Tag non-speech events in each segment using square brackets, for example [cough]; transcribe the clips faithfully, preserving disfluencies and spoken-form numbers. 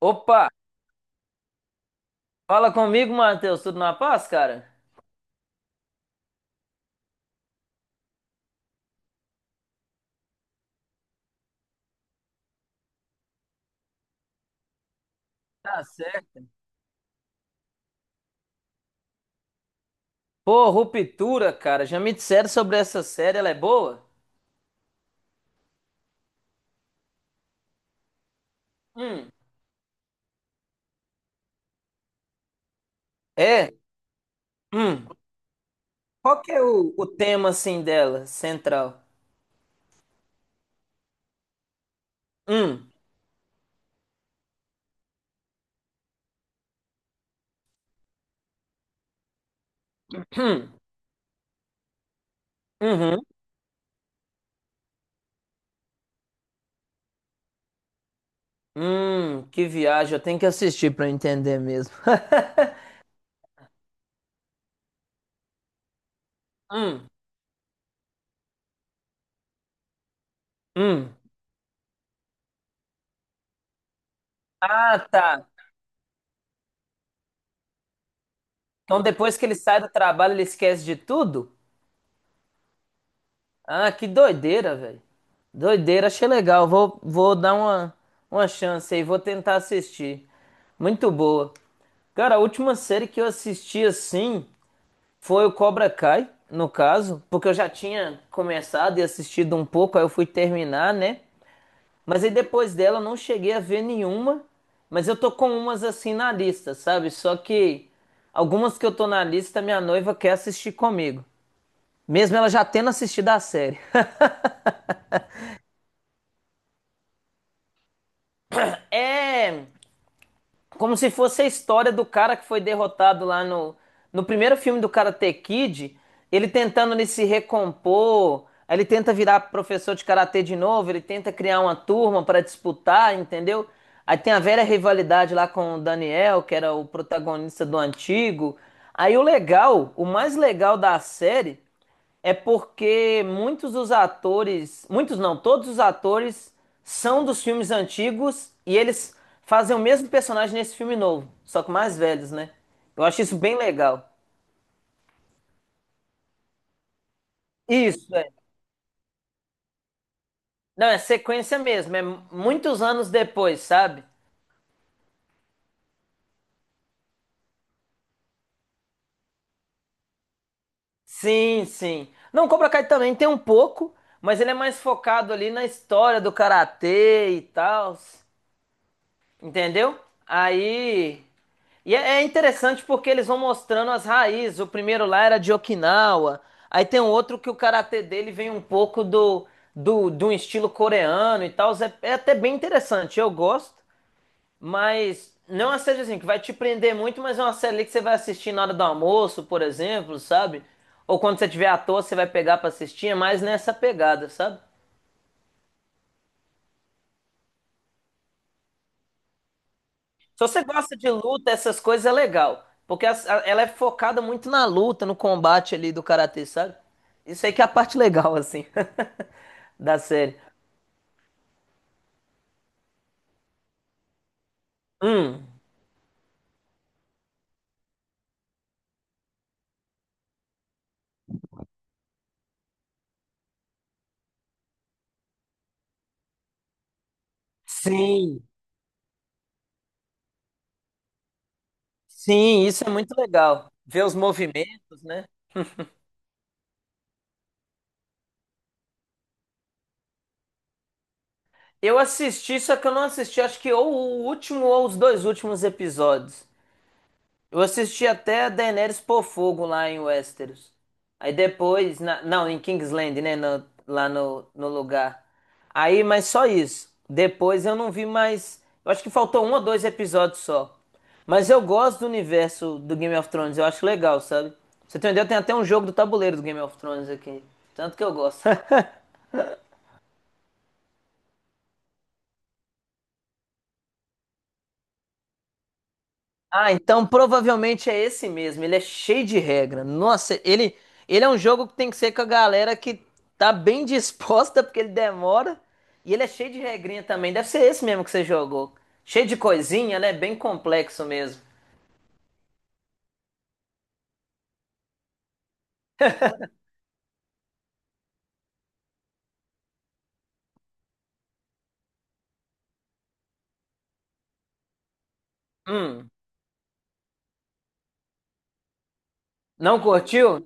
Opa, fala comigo, Matheus. Tudo na paz, cara? Tá certo. Pô, Ruptura, cara. Já me disseram sobre essa série, ela é boa? Hum. É? Hum. Qual que é o, o tema, assim, dela, central? Hum. Hum. Uhum. Hum, que viagem. Eu tenho que assistir pra eu entender mesmo. [laughs] Hum. Hum. Ah, tá. Então depois que ele sai do trabalho, ele esquece de tudo? Ah, que doideira, velho. Doideira, achei legal. Vou, vou dar uma, uma chance aí, vou tentar assistir. Muito boa. Cara, a última série que eu assisti assim foi o Cobra Kai, no caso, porque eu já tinha começado e assistido um pouco, aí eu fui terminar, né? Mas aí depois dela eu não cheguei a ver nenhuma, mas eu tô com umas assim na lista, sabe? Só que algumas que eu tô na lista, minha noiva quer assistir comigo. Mesmo ela já tendo assistido a série. [laughs] É como se fosse a história do cara que foi derrotado lá no, no primeiro filme do Karate Kid, ele tentando ele se recompor, aí ele tenta virar professor de karatê de novo, ele tenta criar uma turma para disputar, entendeu? Aí tem a velha rivalidade lá com o Daniel, que era o protagonista do antigo. Aí o legal, o mais legal da série é porque muitos dos atores, muitos não, todos os atores são dos filmes antigos e eles fazem o mesmo personagem nesse filme novo, só que mais velhos, né? Eu acho isso bem legal. Isso, é. Não, é sequência mesmo, é muitos anos depois, sabe? Sim, sim. Não, Cobra Kai também tem um pouco, mas ele é mais focado ali na história do karatê e tal. Entendeu? Aí. E é é interessante porque eles vão mostrando as raízes. O primeiro lá era de Okinawa. Aí tem um outro que o karatê dele vem um pouco do, do, de um estilo coreano e tal. É, é até bem interessante. Eu gosto, mas não é uma série assim que vai te prender muito, mas é uma série ali que você vai assistir na hora do almoço, por exemplo, sabe? Ou quando você tiver à toa, você vai pegar pra assistir. É mais nessa pegada, sabe? Se você gosta de luta, essas coisas é legal. Porque as- a- ela é focada muito na luta, no combate ali do karatê, sabe? Isso aí que é a parte legal, assim, [laughs] da série. Hum, sim, sim, isso é muito legal. Ver os movimentos, né? Eu assisti, só que eu não assisti, acho que ou o último ou os dois últimos episódios. Eu assisti até a Daenerys pôr fogo lá em Westeros. Aí depois, na- não, em Kingsland, né? no- lá no, no lugar. Aí, mas só isso. Depois eu não vi mais. Eu acho que faltou um ou dois episódios só. Mas eu gosto do universo do Game of Thrones. Eu acho legal, sabe? Pra você entendeu? Tem até um jogo do tabuleiro do Game of Thrones aqui. Tanto que eu gosto. [laughs] Ah, então provavelmente é esse mesmo. Ele é cheio de regra. Nossa, ele, ele é um jogo que tem que ser com a galera que tá bem [laughs] disposta, porque ele demora. E ele é cheio de regrinha também. Deve ser esse mesmo que você jogou. Cheio de coisinha, né? Bem complexo mesmo. Hum, não curtiu?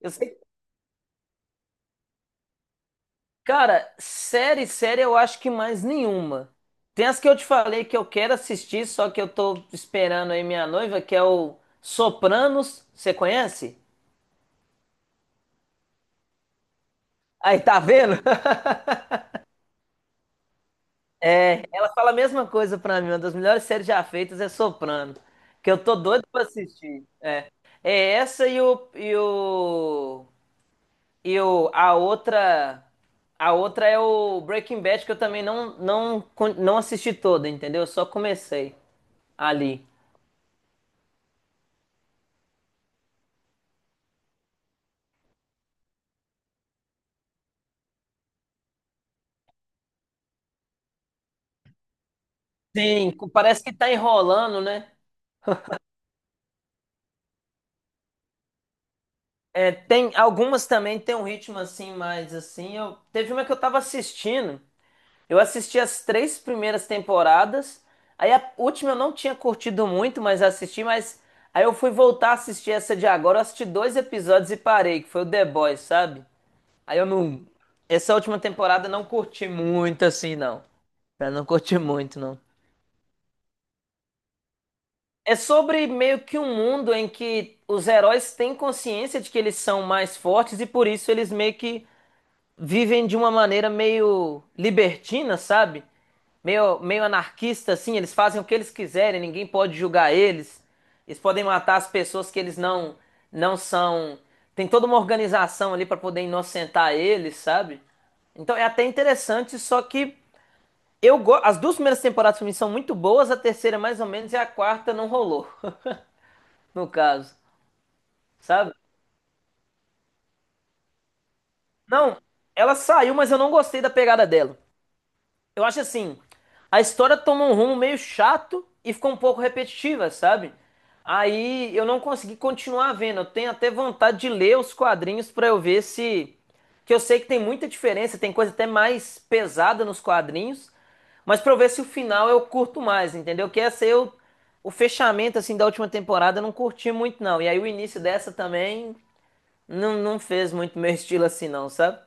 Eu sei. Cara, série, série eu acho que mais nenhuma. Tem as que eu te falei que eu quero assistir, só que eu tô esperando aí minha noiva, que é o Sopranos. Você conhece? Aí, tá vendo? [laughs] É, ela fala a mesma coisa pra mim. Uma das melhores séries já feitas é Soprano, que eu tô doido pra assistir. É, é essa e o e o e o a outra a outra é o Breaking Bad que eu também não não con- não assisti toda, entendeu? Eu só comecei ali. Sim, co- parece que tá enrolando, né? É, tem algumas também tem um ritmo assim mais assim. Eu teve uma que eu tava assistindo. Eu assisti as três primeiras temporadas. Aí a última eu não tinha curtido muito, mas assisti, mas aí eu fui voltar a assistir essa de agora. Eu assisti dois episódios e parei, que foi o The Boys, sabe? Aí eu não. Essa última temporada eu não curti muito assim, não. Eu não curti muito, não. É sobre meio que um mundo em que os heróis têm consciência de que eles são mais fortes e por isso eles meio que vivem de uma maneira meio libertina, sabe? Meio, meio anarquista, assim. Eles fazem o que eles quiserem, ninguém pode julgar eles. Eles podem matar as pessoas que eles não, não são. Tem toda uma organização ali para poder inocentar eles, sabe? Então é até interessante, só que eu go... as duas primeiras temporadas pra mim são muito boas, a terceira mais ou menos e a quarta não rolou, [laughs] no caso, sabe? Não, ela saiu, mas eu não gostei da pegada dela. Eu acho assim, a história tomou um rumo meio chato e ficou um pouco repetitiva, sabe? Aí eu não consegui continuar vendo. Eu tenho até vontade de ler os quadrinhos pra eu ver se. Que eu sei que tem muita diferença, tem coisa até mais pesada nos quadrinhos, mas pra eu ver se o final eu curto mais, entendeu? Que essa eu. O fechamento assim da última temporada eu não curti muito, não. E aí o início dessa também não, não fez muito meu [laughs] estilo assim, não, sabe?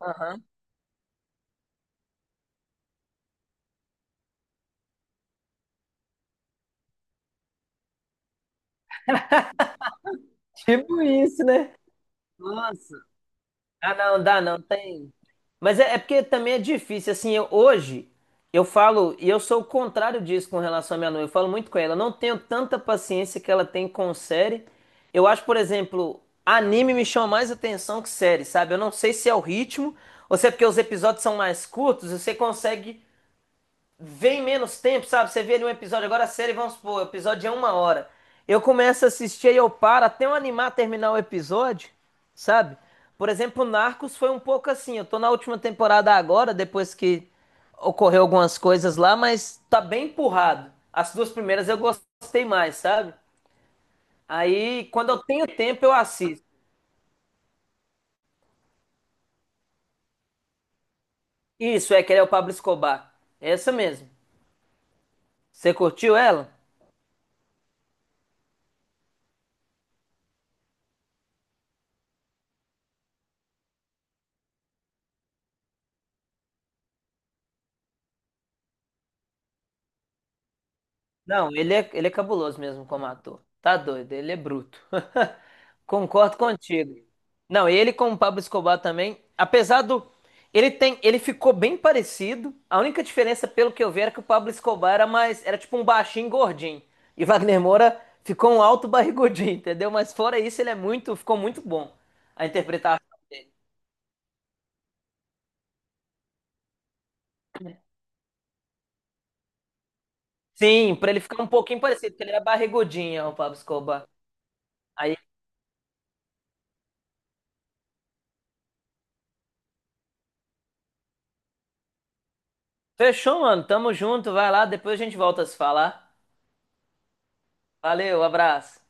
Aham. Tipo isso, né? Nossa. Ah, não, dá não, tem. Mas é, é porque também é difícil, assim, eu- hoje eu falo, e eu sou o contrário disso com relação à minha noiva, eu falo muito com ela, eu não tenho tanta paciência que ela tem com série. Eu acho, por exemplo, anime me chama mais atenção que série, sabe? Eu não sei se é o ritmo, ou se é porque os episódios são mais curtos, e você consegue vem menos tempo, sabe? Você vê ali um episódio, agora a série, vamos supor, o episódio é uma hora. Eu começo a assistir e eu paro até eu animar a terminar o episódio, sabe? Por exemplo, Narcos foi um pouco assim. Eu tô na última temporada agora, depois que ocorreu algumas coisas lá, mas tá bem empurrado. As duas primeiras eu gostei mais, sabe? Aí, quando eu tenho tempo, eu assisto. Isso, é que ele é o Pablo Escobar. É essa mesmo. Você curtiu ela? Não, ele é, ele é cabuloso mesmo como ator. Tá doido, ele é bruto. [laughs] Concordo contigo. Não, ele com o Pablo Escobar também, apesar do ele tem, ele ficou bem parecido. A única diferença, pelo que eu vi, era que o Pablo Escobar era mais, era tipo um baixinho gordinho e Wagner Moura ficou um alto [laughs] barrigudinho, entendeu? Mas fora isso, ele é muito, ficou muito bom a interpretação dele. Sim, pra ele ficar um pouquinho parecido, porque ele era barrigudinho, o Pablo Escobar. Aí, fechou, mano. Tamo junto, vai lá, depois a gente volta a se falar. Valeu, abraço.